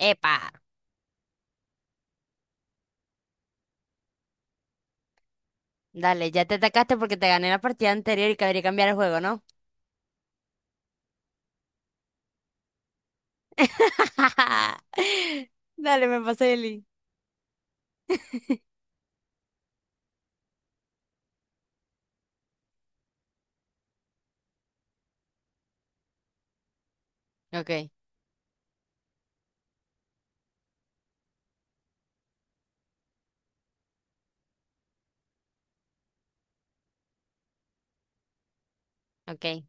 Epa, dale, ya te atacaste porque te gané la partida anterior y cabría cambiar el juego, ¿no? Dale, me pasé el link. Okay, okay,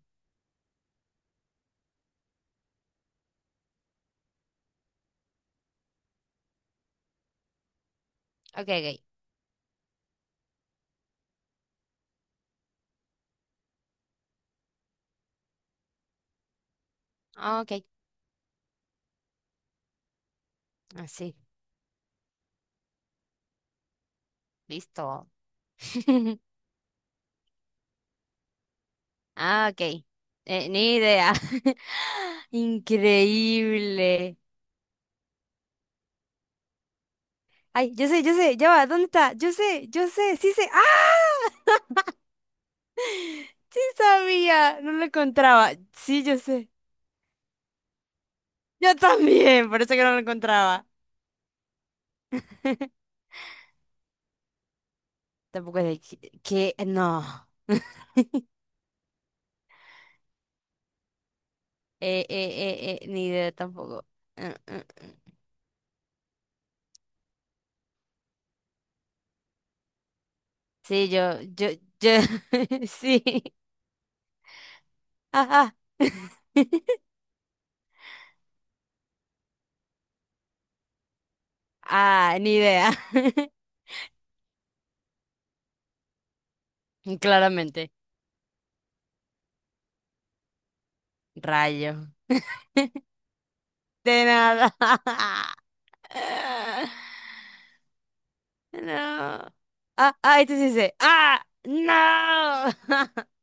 okay, okay, okay, así, listo. Ah, okay. Ni idea. Increíble. Ay, yo sé, ya va, ¿dónde está? Yo sé, sí sé. ¡Ah! Sí sabía, no lo encontraba. Sí, yo sé. Yo también, por eso que no lo encontraba. Tampoco es de no. Ni idea tampoco. Eh, eh. Sí, yo, sí. Ajá. Ah, ni idea. Claramente. Rayo. De nada. No. Ah, ah, esto sí sé. Ah, no.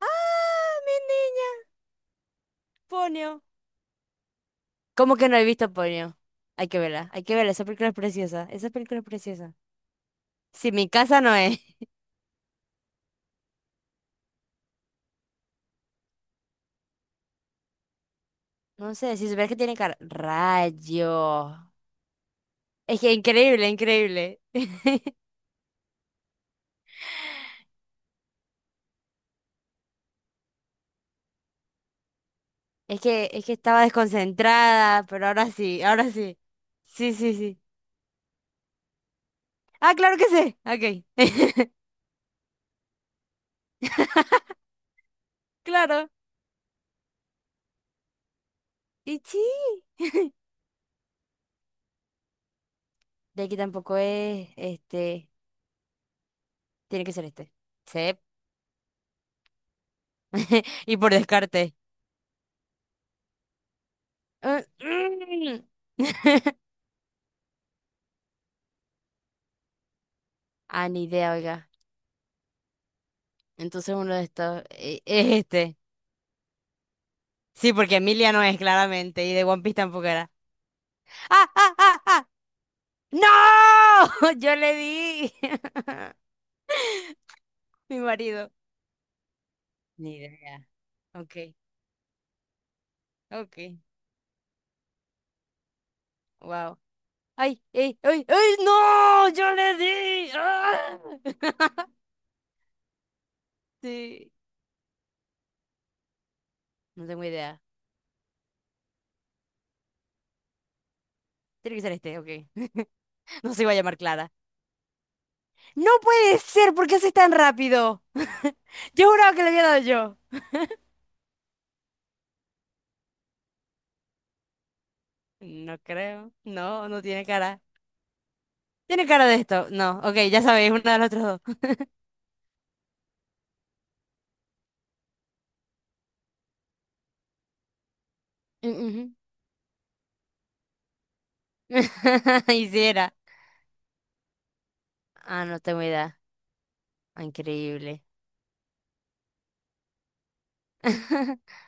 Ah, mi niña. Ponio. ¿Cómo que no he visto Ponio? Hay que verla, hay que verla. Esa película es preciosa. Esa película es preciosa. Si mi casa no es. No sé, si supieras que tiene cara. Rayo. Es que increíble, increíble. Es que estaba desconcentrada, pero ahora sí, ahora sí. Sí, sí, sí. Ah, claro que sí. Ok. Claro. Y sí. De aquí tampoco es. Este. Tiene que ser este. Sí. Y por descarte. Ah, mm. Ah, ni idea, oiga. Entonces uno de estos es este. Sí, porque Emilia no es, claramente. Y de One Piece tampoco era. ¡Ah, ah, ah, ah! ¡No! Yo le di. Mi marido. Ni idea. Ok, ok. Wow. ¡Ay, ay, ay, ay! ¡No! ¡Yo le di! ¡Ah! Sí. No tengo idea. Tiene que ser este, ok. No se iba a llamar Clara. No puede ser, ¿por qué haces tan rápido? Yo juraba que le había dado yo. No creo. No, no tiene cara. Tiene cara de esto. No, ok, ya sabéis, uno de los otros dos. Mm, ujú. Y si era. Ah, no tengo idea. Ah, increíble.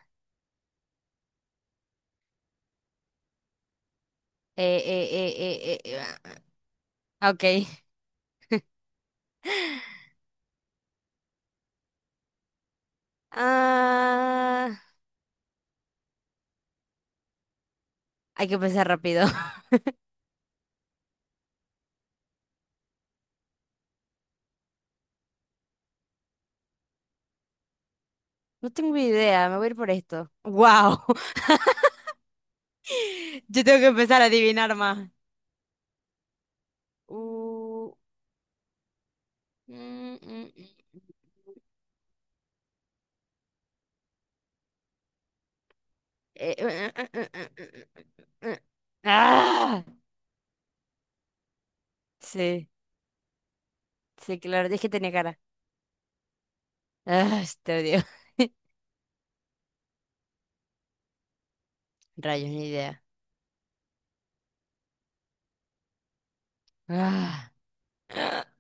Eh, eh, eh, eh, eh, ah, ok. Ah, hay que pensar rápido. No tengo idea, me voy a ir por esto. ¡Wow! Yo tengo que empezar a adivinar más. Uh, mm, mm, mm, eh. eh. ¡Ah! Sí, sí, claro, es que tenía cara. ¡Ah, te odio! Rayos, ni idea. ¡Ah!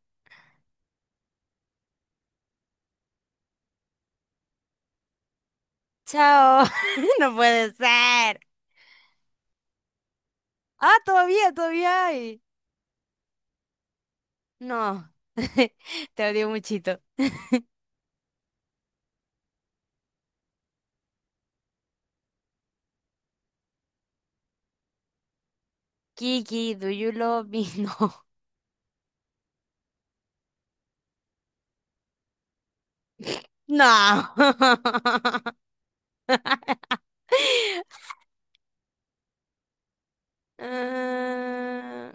¡Chao! No puede ser. Ah, todavía, todavía hay. No, te odio muchito. Kiki, do you love me? No. No. Ah,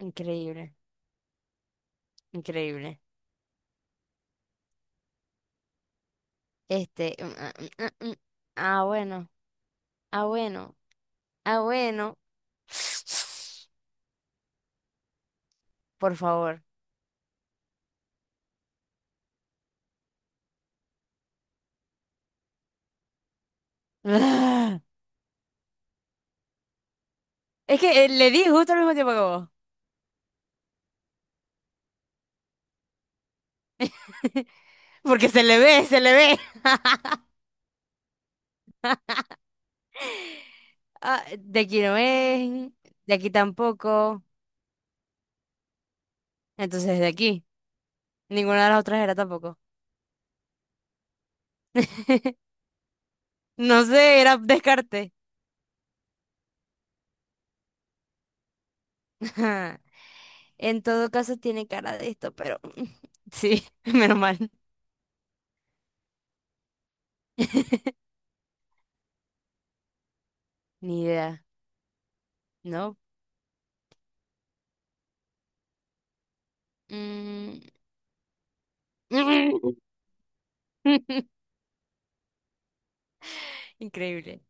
increíble, increíble. Este. Mm. Ah, bueno, ah, bueno, ah, bueno. Por favor. Ah. Es que le di justo al mismo tiempo que vos. Porque se le ve, se le ve. Ah, de aquí no es, de aquí tampoco. Entonces, de aquí. Ninguna de las otras era tampoco. No sé, era descarte. En todo caso, tiene cara de esto, pero sí, menos mal. Ni idea, ¿no? Mm. Increíble.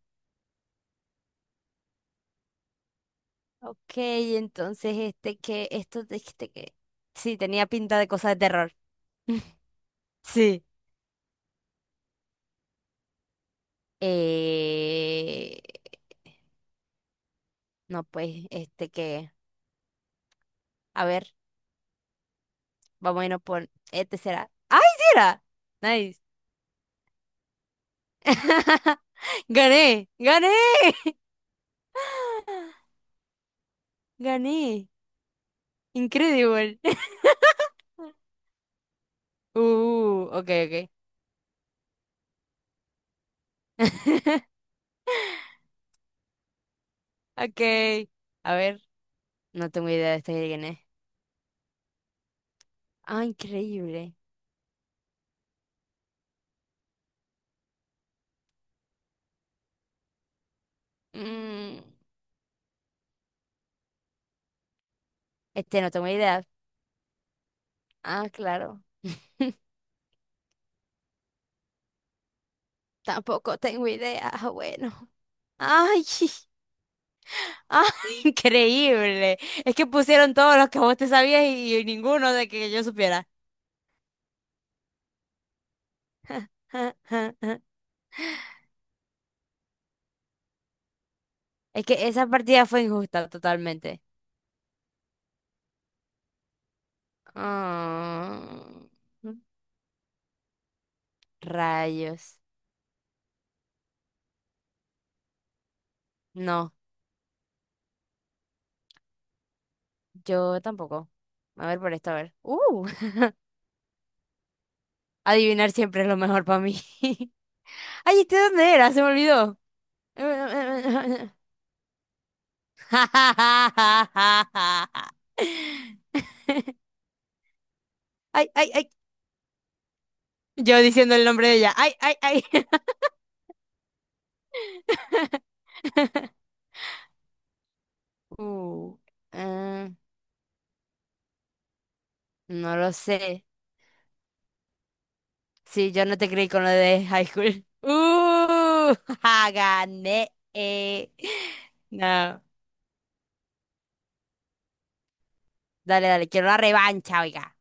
Ok, entonces este que, esto de este que. Sí, tenía pinta de cosa de terror. Sí. Eh... No, pues, este que. A ver. Vamos a irnos por este será. ¡Ay, sí era! Nice. Gané, gané, gané. Incredible. Ok, ok. Ok. A ver, no tengo idea de este de quién es. Ah, increíble. Mm, este no tengo idea. Ah, claro. Tampoco tengo idea. Ah, bueno. Ay, ay, increíble. Es que pusieron todos los que vos te sabías y ninguno de que yo supiera. Es que esa partida fue injusta totalmente. Ah, rayos. No, yo tampoco. A ver por esto, a ver. Adivinar siempre es lo mejor para mí. Ay, ¿este dónde era? Se me olvidó. Ay, ay, ay. Yo diciendo el nombre de ella. Ay, ay, ay. Uh, eh, no lo sé. Sí, yo no te creí con lo de high school. ¡Uh! Ja, gané. No. Dale, dale, quiero una revancha, oiga.